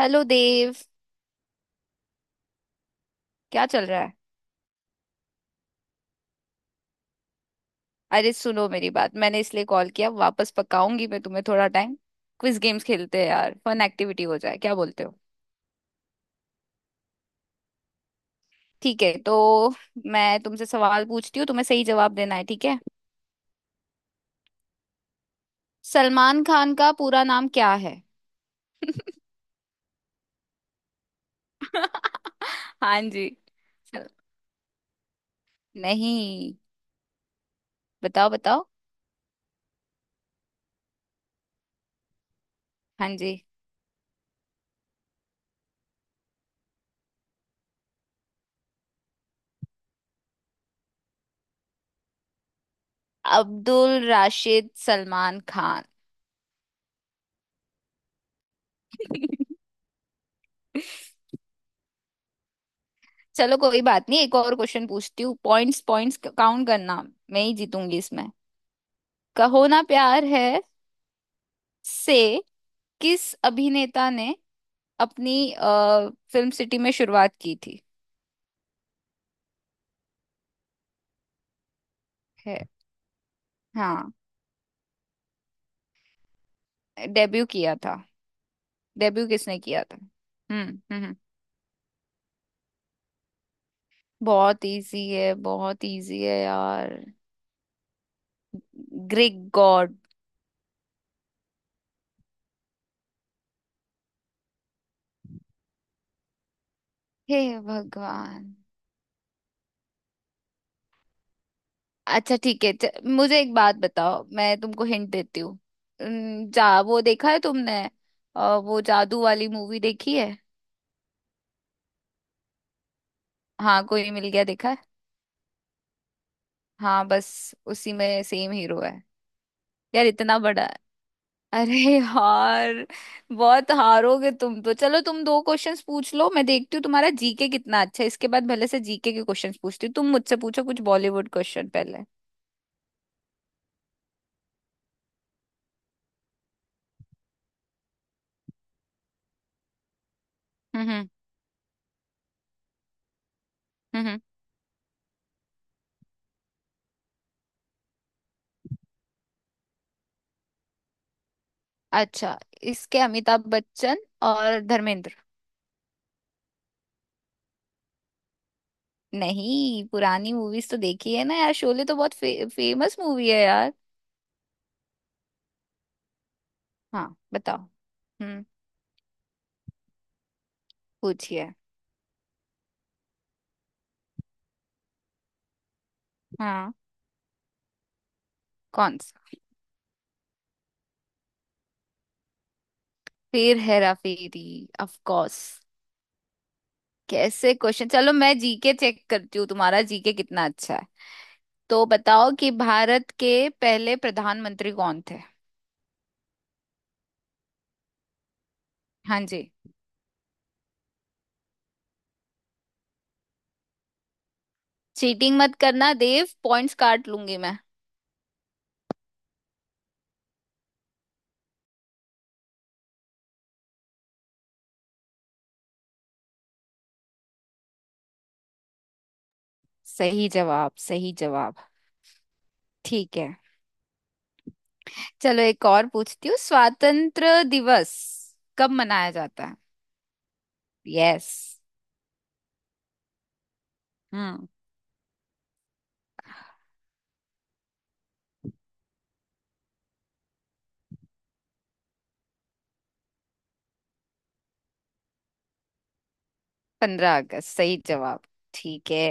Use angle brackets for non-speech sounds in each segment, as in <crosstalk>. Hello Dev. क्या चल रहा है? अरे सुनो मेरी बात, मैंने इसलिए कॉल किया, वापस पकाऊंगी मैं तुम्हें थोड़ा टाइम। क्विज गेम्स खेलते हैं यार, फन एक्टिविटी हो जाए, क्या बोलते हो? ठीक है तो मैं तुमसे सवाल पूछती हूँ, तुम्हें सही जवाब देना है, ठीक है? सलमान खान का पूरा नाम क्या है? <laughs> हाँ जी। चल- नहीं, बताओ बताओ। हाँ जी। अब्दुल राशिद सलमान खान। <laughs> चलो कोई बात नहीं, एक और क्वेश्चन पूछती हूँ। पॉइंट्स पॉइंट्स काउंट करना। मैं ही जीतूंगी इसमें। कहो ना प्यार है से किस अभिनेता ने अपनी फिल्म सिटी में शुरुआत की थी? है। हाँ। डेब्यू किया था, डेब्यू किसने किया था? हम्म हम्म हम्म। बहुत इजी है, बहुत इजी है यार। Greek god. हे भगवान। अच्छा ठीक है, मुझे एक बात बताओ, मैं तुमको हिंट देती हूँ। जा वो देखा है तुमने? वो जादू वाली मूवी देखी है? हाँ कोई मिल गया देखा है। हाँ बस उसी में सेम हीरो है। यार इतना बड़ा <laughs> है। अरे यार, बहुत हारोगे तुम तो। चलो तुम दो क्वेश्चंस पूछ लो, मैं देखती हूँ तुम्हारा जीके कितना अच्छा है। इसके बाद भले से जीके के क्वेश्चंस पूछती हूँ। तुम मुझसे पूछो कुछ बॉलीवुड क्वेश्चन पहले। हम्म हम्म हम्म। अच्छा, इसके अमिताभ बच्चन और धर्मेंद्र। नहीं पुरानी मूवीज तो देखी है ना यार, शोले तो बहुत फेमस मूवी है यार। हाँ बताओ। हम्म। पूछिए। हाँ। कौन सा? फिर हेरा फेरी ऑफ कोर्स। कैसे क्वेश्चन! चलो मैं जीके चेक करती हूँ, तुम्हारा जीके कितना अच्छा है। तो बताओ कि भारत के पहले प्रधानमंत्री कौन थे? हाँ जी। चीटिंग मत करना देव, पॉइंट्स काट लूंगी मैं। सही जवाब, सही जवाब। ठीक है, चलो एक और पूछती हूँ। स्वातंत्र दिवस कब मनाया जाता है? यस। हम्म। 15 अगस्त, सही जवाब। ठीक है।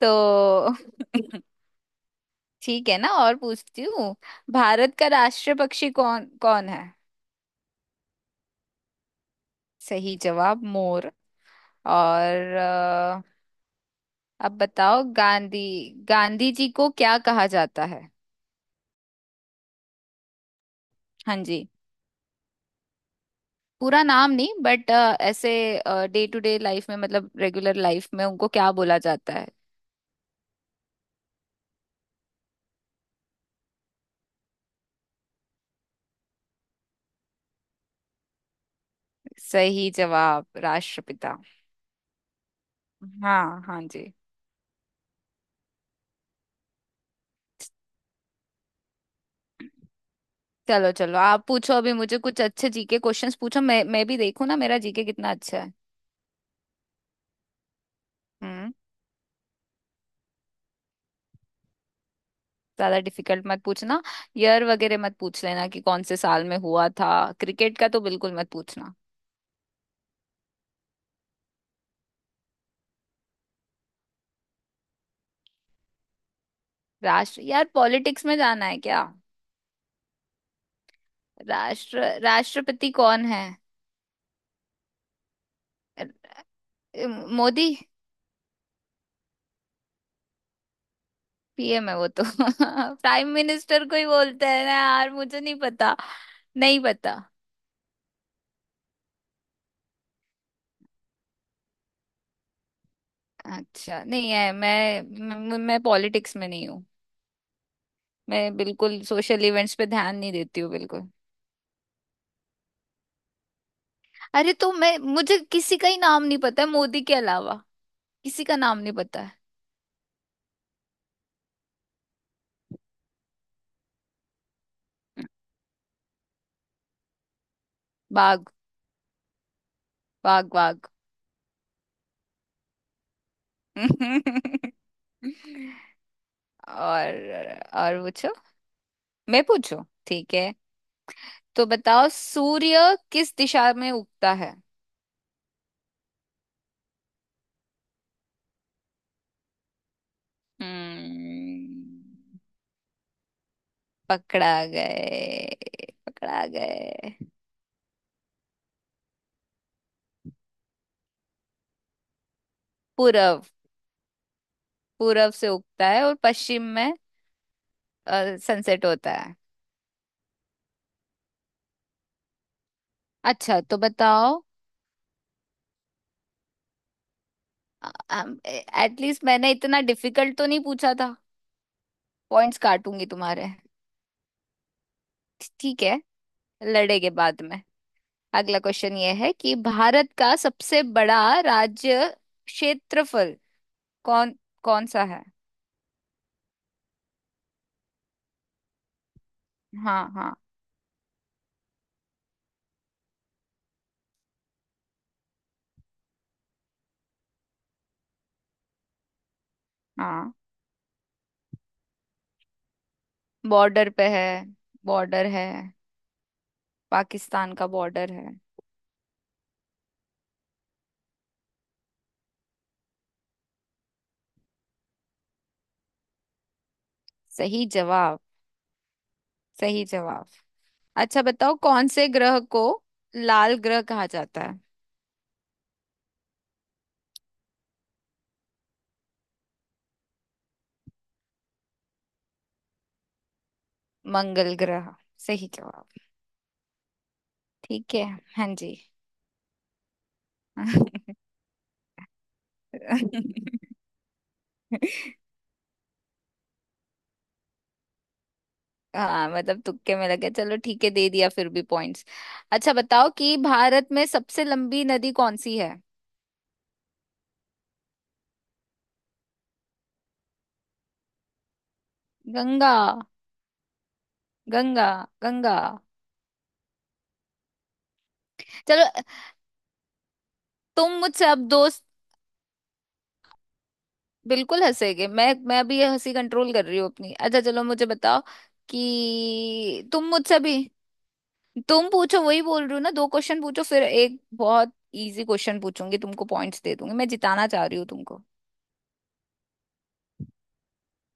तो <laughs> ठीक है ना, और पूछती हूँ। भारत का राष्ट्रीय पक्षी कौन कौन है? सही जवाब, मोर। और अब बताओ, गांधी, गांधी जी को क्या कहा जाता है? हाँ जी। पूरा नाम नहीं, बट ऐसे डे टू डे लाइफ में, मतलब रेगुलर लाइफ में उनको क्या बोला जाता है? सही जवाब, राष्ट्रपिता। हाँ हाँ जी। चलो चलो आप पूछो, अभी मुझे कुछ अच्छे जीके क्वेश्चंस पूछो, मैं भी देखूँ ना मेरा जीके कितना अच्छा है। हम्म। ज्यादा डिफिकल्ट मत पूछना। ईयर वगैरह मत पूछ लेना कि कौन से साल में हुआ था। क्रिकेट का तो बिल्कुल मत पूछना। राष्ट्र, यार पॉलिटिक्स में जाना है क्या? राष्ट्रपति कौन है? अ, मोदी। पीएम है वो तो। <laughs> प्राइम मिनिस्टर को ही बोलते हैं ना यार, मुझे नहीं पता। नहीं पता। अच्छा नहीं है, मैं पॉलिटिक्स में नहीं हूँ। मैं बिल्कुल सोशल इवेंट्स पे ध्यान नहीं देती हूँ बिल्कुल। अरे तो मैं, मुझे किसी का ही नाम नहीं पता है मोदी के अलावा। किसी का नाम नहीं पता है। बाघ, बाघ, बाघ। <laughs> और पूछो। मैं पूछू? ठीक है, तो बताओ सूर्य किस दिशा में उगता है? हम्म। पकड़ा गए, पकड़ा गए। पूरब। पूरब से उगता है और पश्चिम में सनसेट होता है। अच्छा तो बताओ, एटलीस्ट मैंने इतना डिफिकल्ट तो नहीं पूछा था। पॉइंट्स काटूंगी तुम्हारे। ठीक है, लड़ेंगे बाद में। अगला क्वेश्चन ये है कि भारत का सबसे बड़ा राज्य, क्षेत्रफल, कौन, कौन सा है? हाँ हाँ। हाँ बॉर्डर पे है, बॉर्डर है, पाकिस्तान का बॉर्डर है। सही जवाब, सही जवाब। अच्छा बताओ, कौन से ग्रह को लाल ग्रह कहा जाता है? मंगल ग्रह, सही जवाब। ठीक है। हाँ जी। <laughs> हाँ मतलब तुक्के में लगे, चलो ठीक है दे दिया फिर भी पॉइंट्स। अच्छा बताओ कि भारत में सबसे लंबी नदी कौन सी है? गंगा, गंगा, गंगा। चलो तुम मुझसे अब दोस्त बिल्कुल हंसेगे, मैं भी हंसी कंट्रोल कर रही हूँ अपनी। अच्छा चलो मुझे बताओ कि तुम मुझसे भी, तुम पूछो, वही बोल रही हूँ ना, दो क्वेश्चन पूछो, फिर एक बहुत इजी क्वेश्चन पूछूंगी तुमको, पॉइंट्स दे दूंगी, मैं जिताना चाह रही हूँ तुमको।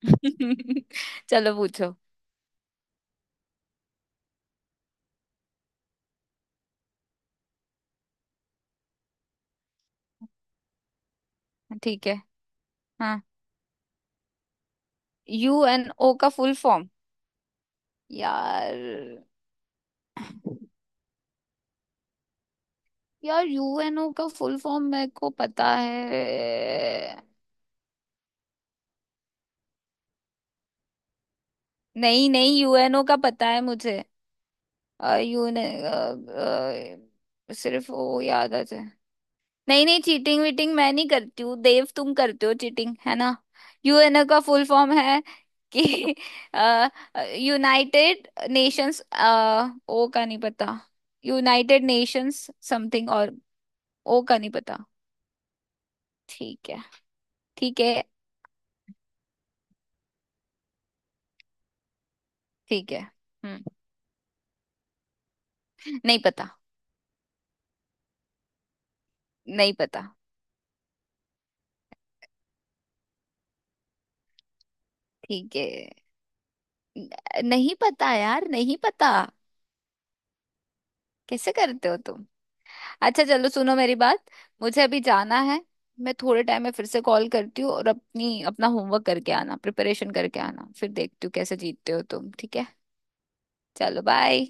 <laughs> चलो पूछो। ठीक है। हाँ। यू एन ओ का फुल फॉर्म? यार, यार यूएनओ का फुल फॉर्म मेरे को पता है। नहीं नहीं, यूएनओ का पता है मुझे। अ, यू ने अ, अ, सिर्फ वो याद आ जाए। नहीं नहीं, चीटिंग वीटिंग मैं नहीं करती हूँ देव, तुम करते हो चीटिंग है ना। यूएनओ का फुल फॉर्म है कि यूनाइटेड नेशंस, ओ का नहीं पता। यूनाइटेड नेशंस समथिंग और ओ का नहीं पता। ठीक है। ठीक है ठीक है। हम्म। नहीं पता। नहीं पता। ठीक है। नहीं पता यार, नहीं पता। कैसे करते हो तुम! अच्छा चलो सुनो मेरी बात, मुझे अभी जाना है। मैं थोड़े टाइम में फिर से कॉल करती हूँ, और अपनी अपना होमवर्क करके आना, प्रिपरेशन करके आना, फिर देखती हूँ कैसे जीतते हो तुम, ठीक है? चलो बाय।